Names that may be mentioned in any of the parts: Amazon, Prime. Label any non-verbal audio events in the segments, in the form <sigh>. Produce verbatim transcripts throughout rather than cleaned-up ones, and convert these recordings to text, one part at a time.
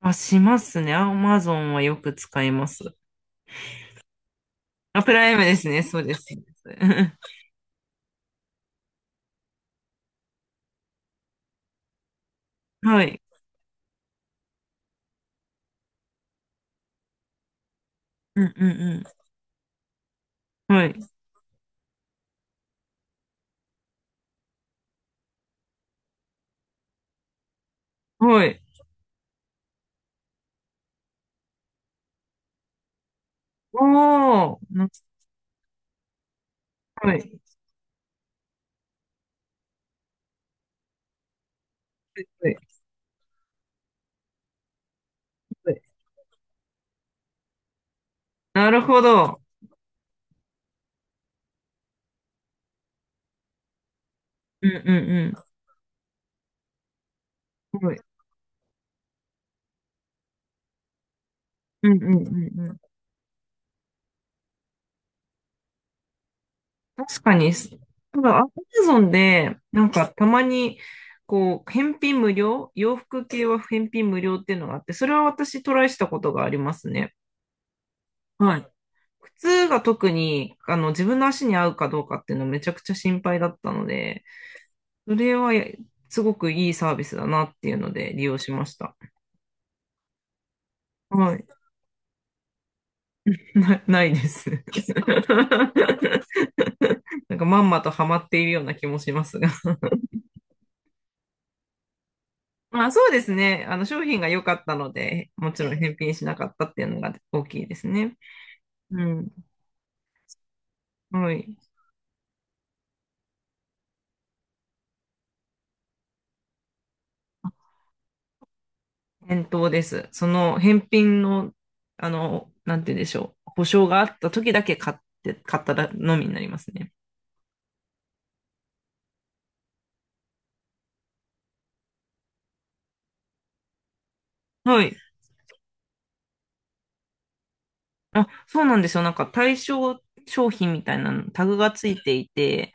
あ、しますね。アマゾンはよく使います。あ、プライムですね。そうです。そうです。 <laughs> はい。うんうんうん。はい。はい。おー。なはい。はい。はい。なるほど。うんうんうん。はい。うんうんうんうん。確かに、すただ、アマゾンで、なんかたまに、こう、返品無料、洋服系は返品無料っていうのがあって、それは私トライしたことがありますね。はい。靴が特に、あの、自分の足に合うかどうかっていうのめちゃくちゃ心配だったので、それはやすごくいいサービスだなっていうので利用しました。はい。<laughs> な、ないです。<laughs> なんかまんまとハマっているような気もしますが。<laughs> まあそうですね。あの商品が良かったので、もちろん返品しなかったっていうのが大きいですね。うん。はい。返答です。その返品の、あの、なんて言うんでしょう。保証があった時だけ買って、買ったのみになりますね。はい。あ、そうなんですよ。なんか対象商品みたいなのタグがついていて、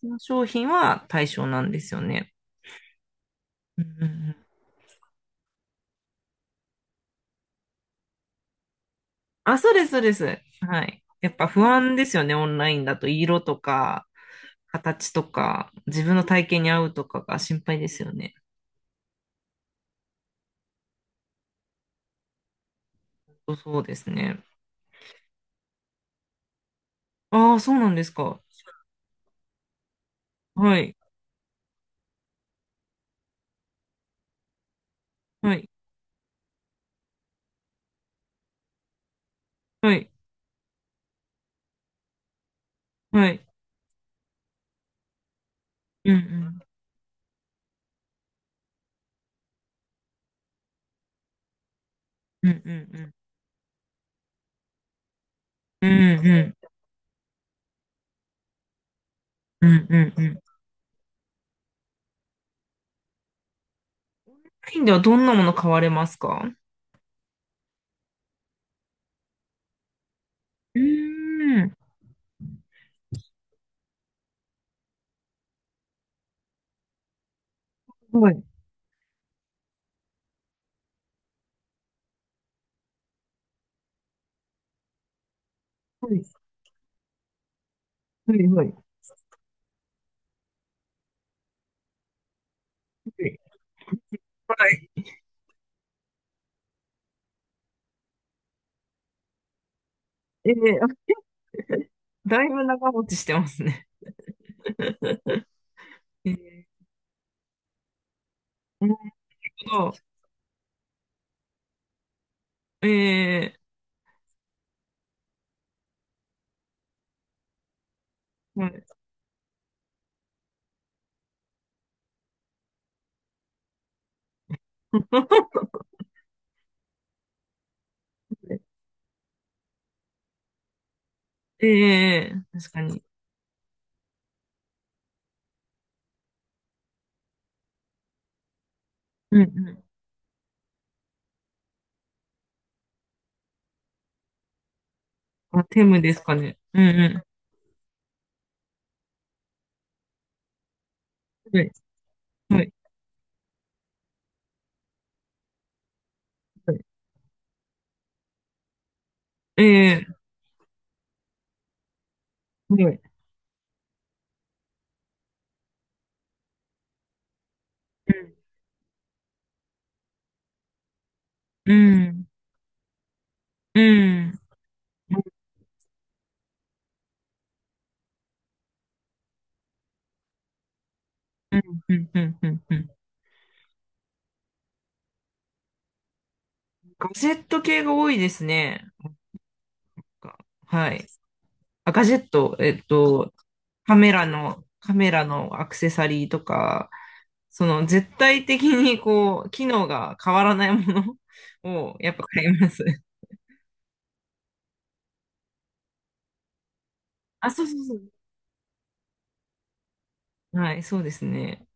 その商品は対象なんですよね。うんうんうん。あ、そうです、そうです。はい。やっぱ不安ですよね、オンラインだと。色とか、形とか、自分の体型に合うとかが心配ですよね。そうそうですね。ああ、そうなんですか。はい。はい。はい。はい。うんうん。うんうんうん。うんうん。うんうんうん。スペインではどんなもの買われますか？うーん。はい。はい。はい。はい。はいはいはいはいはい。えー、<laughs> だいぶ長持ちしてますね。<laughs> えー。<laughs> なるほど。えー、はい。<laughs> えー、確かに。うんうん。あ、テムですかね。うんうん。はい。はい。はい。えー、はい。うん。うん。うん。うん。うん。うん。うん。うん。うん。ガジェット系が多いですね。がはい。あ、ガジェット、えっと、カメラの、カメラのアクセサリーとか、その絶対的にこう、機能が変わらないもの <laughs> をやっぱ買います。あ、そうそうそう。はい、そうですね。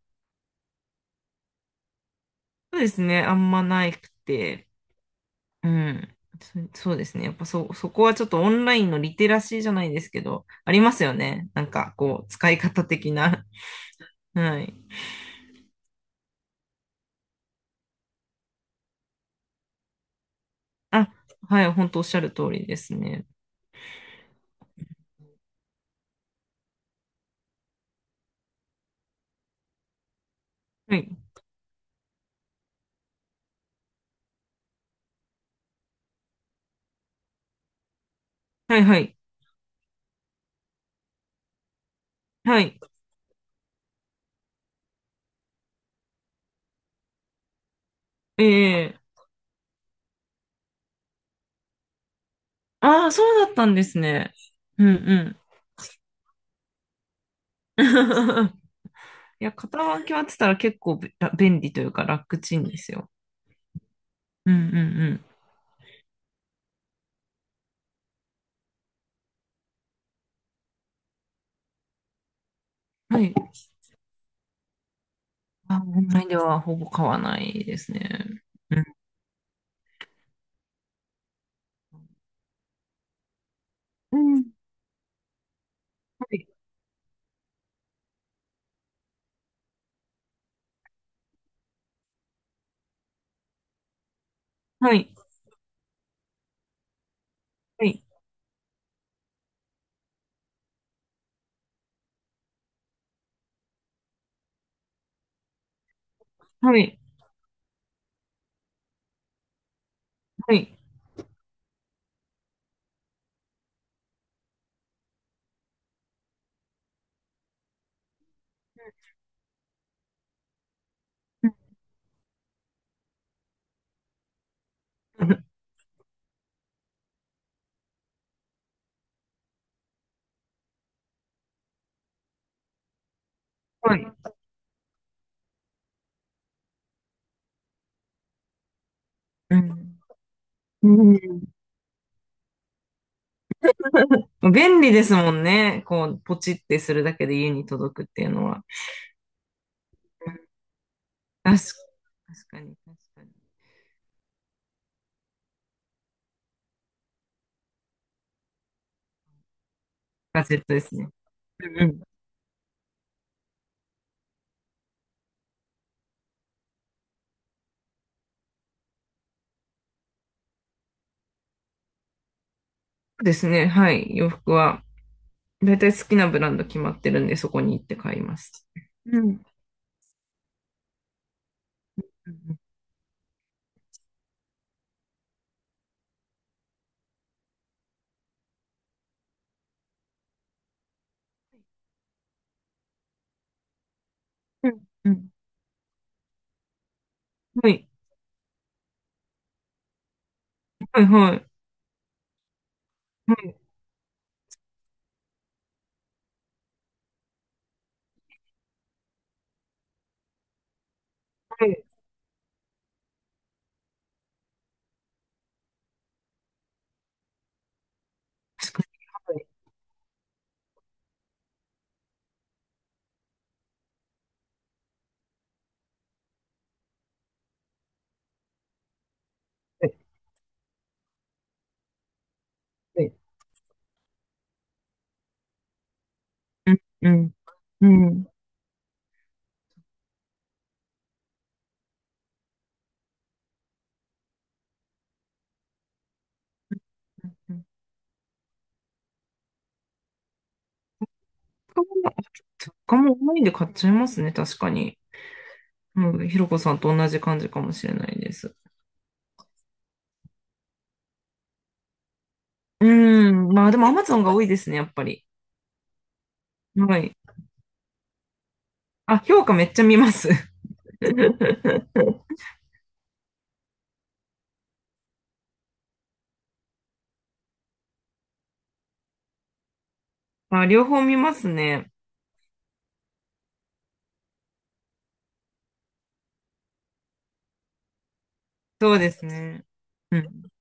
そうですね。あんまないくて。うん。そ、そうですね。やっぱそ、そこはちょっとオンラインのリテラシーじゃないですけど、ありますよね。なんかこう、使い方的な。<laughs> はい。あ、はい、本当おっしゃる通りですね。はい。はいはい。はい。ええ。ああー、そうだったんですね。うんうん。<laughs> いや、肩書きはってたら結構べ便利というか楽ちんですよ。うんうんうん。はい。あ、オンラインではほぼ買わないですね。うん。うん。はい。はい。はい。はい。はい。うん。はい。うん。うん。 <laughs> 便利ですもんね。こう、ポチってするだけで家に届くっていうのは。確か確かに、確かに。ガジェットですね。うんうん。そうですね。はい。洋服は、だいたい好きなブランド決まってるんで、そこに行って買います。うん。うんうんうん。はい。はい、はい。はい、はい。確かに。はい、はい、はい。うん、うん、うん。他も、雑もオンラインで買っちゃいますね。確かに。うん。ひろこさんと同じ感じかもしれないです。うん。まあ、でも アマゾン が多いですね、やっぱり。はい。あ、評価めっちゃ見ます。<laughs> あ、両方見ますね。そうですね。うん。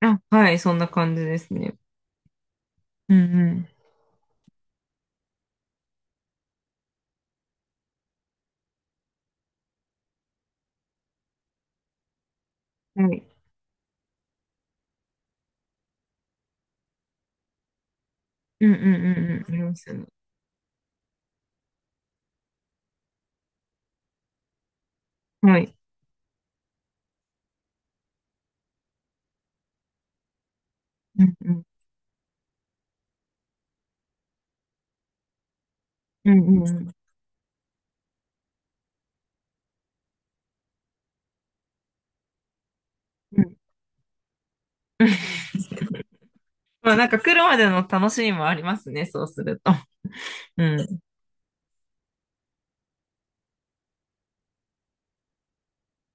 あのあ、はい、そんな感じですね。うんうん。はい。うんうんうんうん。ありますよね。はい。うんうん。うんうんうん。うん。<laughs> まあなんか来るまでの楽しみもありますね、そうすると。うん。